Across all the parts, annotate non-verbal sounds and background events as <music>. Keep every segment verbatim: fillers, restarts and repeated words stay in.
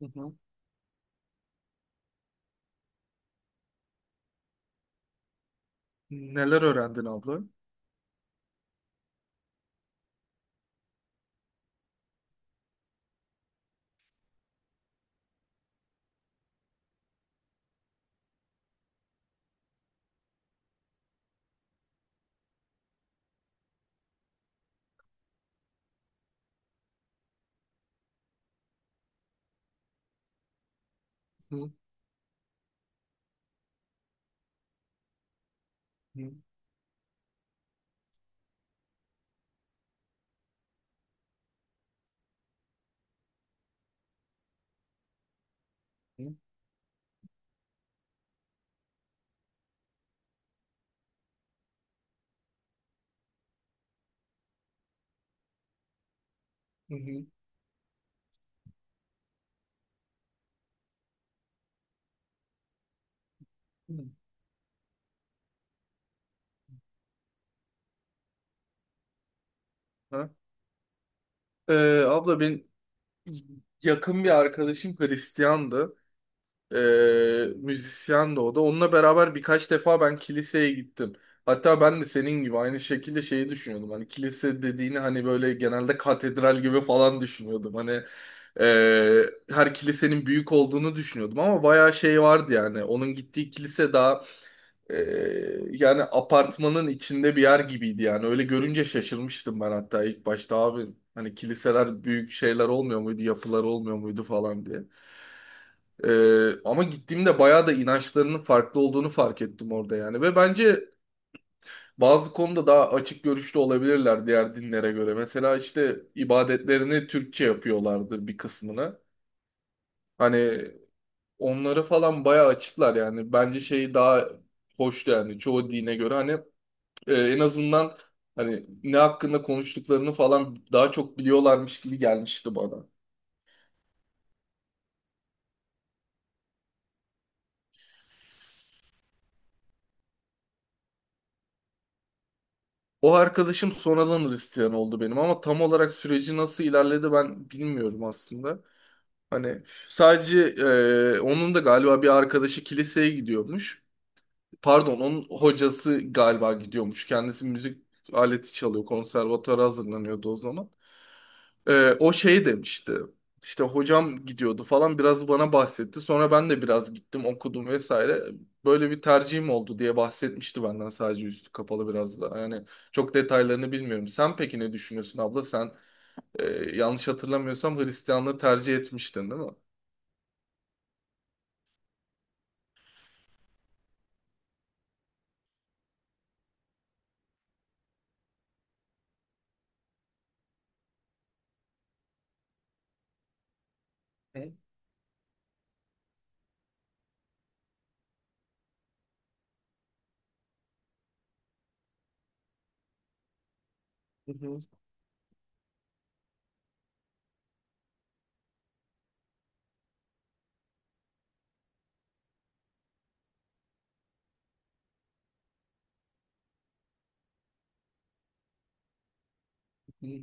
Hı hı. Neler öğrendin abla? Hı hı, hı hı, hı. Ha? Ee, abla ben yakın bir arkadaşım Hristiyandı. Ee, Müzisyendi o da. Onunla beraber birkaç defa ben kiliseye gittim. Hatta ben de senin gibi aynı şekilde şeyi düşünüyordum. Hani kilise dediğini hani böyle genelde katedral gibi falan düşünüyordum. Hani e, her kilisenin büyük olduğunu düşünüyordum ama bayağı şey vardı yani. Onun gittiği kilise daha Ee, yani apartmanın içinde bir yer gibiydi yani. Öyle görünce şaşırmıştım ben hatta ilk başta abi. Hani kiliseler büyük şeyler olmuyor muydu, yapılar olmuyor muydu falan diye. Ee, ama gittiğimde bayağı da inançlarının farklı olduğunu fark ettim orada yani. Ve bence bazı konuda daha açık görüşlü olabilirler diğer dinlere göre. Mesela işte ibadetlerini Türkçe yapıyorlardı bir kısmını. Hani onları falan bayağı açıklar yani. Bence şey daha hoştu yani çoğu dine göre. Hani e, en azından hani ne hakkında konuştuklarını falan daha çok biliyorlarmış gibi gelmişti bana. O arkadaşım sonradan Hristiyan oldu benim ama tam olarak süreci nasıl ilerledi ben bilmiyorum aslında. Hani sadece e, onun da galiba bir arkadaşı kiliseye gidiyormuş. Pardon, onun hocası galiba gidiyormuş. Kendisi müzik aleti çalıyor, konservatuara hazırlanıyordu o zaman. Ee, o şey demişti. İşte hocam gidiyordu falan biraz bana bahsetti. Sonra ben de biraz gittim okudum vesaire. Böyle bir tercihim oldu diye bahsetmişti benden sadece üstü kapalı biraz da. Yani çok detaylarını bilmiyorum. Sen peki ne düşünüyorsun abla? Sen e, yanlış hatırlamıyorsam Hristiyanlığı tercih etmiştin değil mi? Hı hı, hı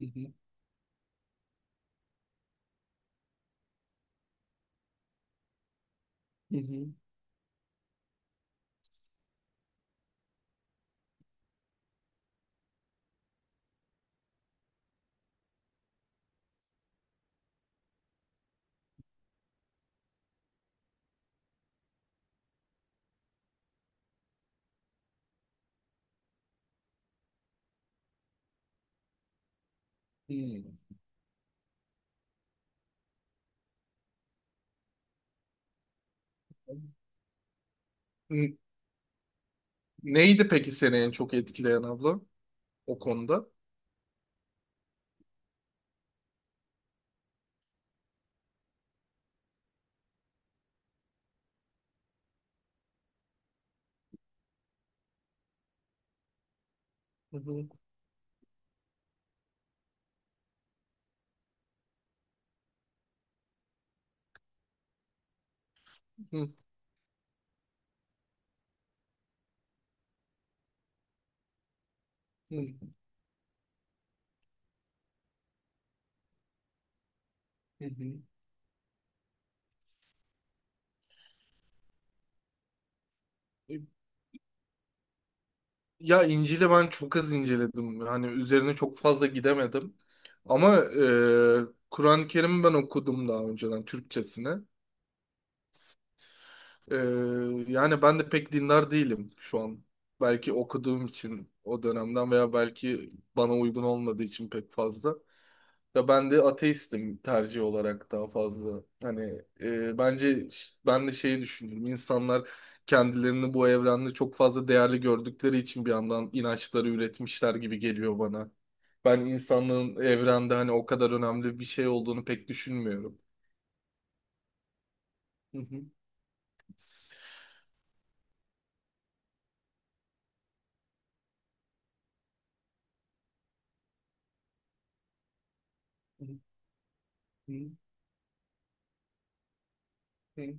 hı, hı hı, hı. N- Neydi peki seni en çok etkileyen abla? O konuda. Hı hı, hı, hı, hı hı. Ya İncil'i ben çok az inceledim. Hani üzerine çok fazla gidemedim. Ama e, Kur'an-ı Kerim'i ben okudum daha önceden Türkçesini. Ee, Yani ben de pek dindar değilim şu an. Belki okuduğum için o dönemden veya belki bana uygun olmadığı için pek fazla. Ya ben de ateistim tercih olarak daha fazla. Hani e, bence ş- ben de şeyi düşünüyorum. İnsanlar kendilerini bu evrende çok fazla değerli gördükleri için bir yandan inançları üretmişler gibi geliyor bana. Ben insanlığın evrende hani o kadar önemli bir şey olduğunu pek düşünmüyorum. Hı hı, hı hı, hı.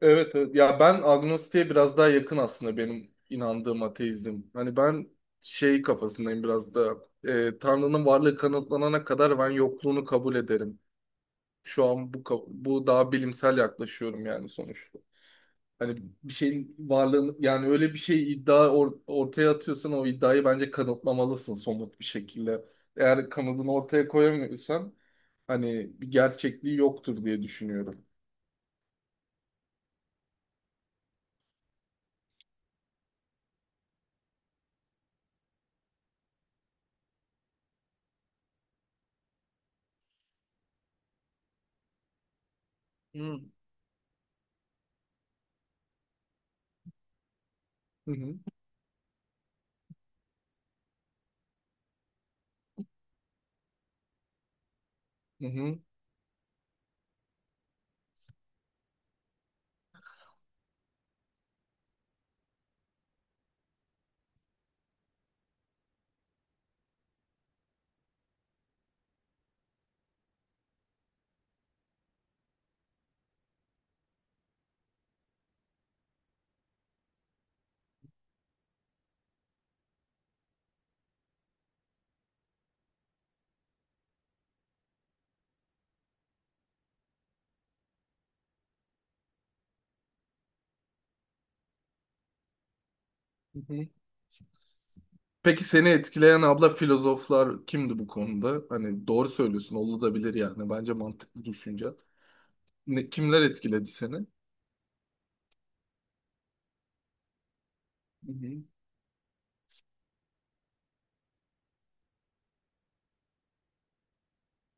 Evet, evet. Ya ben agnostiğe biraz daha yakın aslında benim inandığım ateizm. Hani ben şey kafasındayım biraz da e, Tanrı'nın varlığı kanıtlanana kadar ben yokluğunu kabul ederim. Şu an bu ka- bu daha bilimsel yaklaşıyorum yani sonuçta. Hani bir şeyin varlığını yani öyle bir şey iddia or- ortaya atıyorsan o iddiayı bence kanıtlamalısın somut bir şekilde. Eğer kanıtını ortaya koyamıyorsan hani bir gerçekliği yoktur diye düşünüyorum. Hmm. Hı hı. Hı hı. Hı hı. Peki seni etkileyen abla filozoflar kimdi bu konuda? Hani doğru söylüyorsun, olabilir yani. Bence mantıklı düşünce. Ne, kimler etkiledi seni? Hı hı,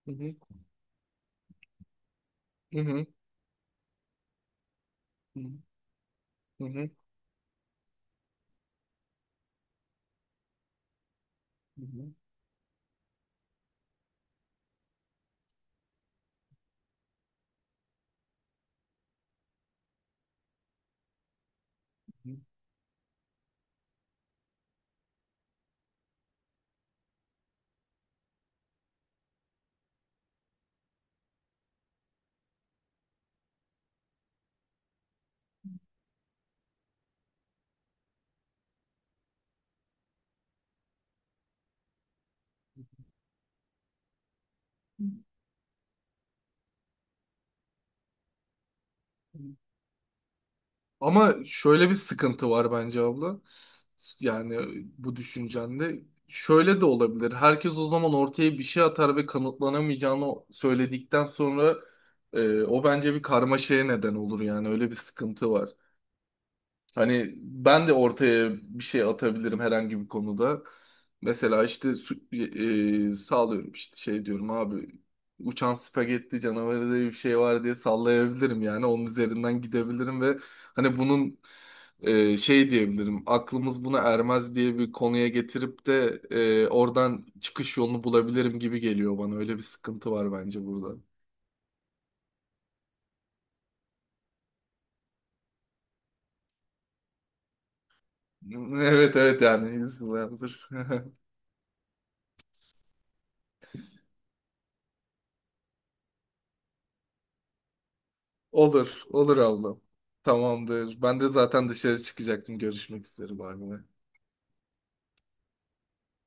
hı hı, hı hı, hı hı, hı hı, hı hı. Ama şöyle bir sıkıntı var bence abla. Yani bu düşüncende şöyle de olabilir. Herkes o zaman ortaya bir şey atar ve kanıtlanamayacağını söyledikten sonra e, o bence bir karmaşaya neden olur yani öyle bir sıkıntı var. Hani ben de ortaya bir şey atabilirim herhangi bir konuda. Mesela işte su- e, sağlıyorum işte şey diyorum abi uçan spagetti canavarı diye bir şey var diye sallayabilirim yani onun üzerinden gidebilirim ve hani bunun e, şey diyebilirim aklımız buna ermez diye bir konuya getirip de e, oradan çıkış yolunu bulabilirim gibi geliyor bana öyle bir sıkıntı var bence burada. <laughs> Evet, evet, yani insanlardır. <laughs> Olur, olur ablam. Tamamdır. Ben de zaten dışarı çıkacaktım. Görüşmek üzere. Bay bay.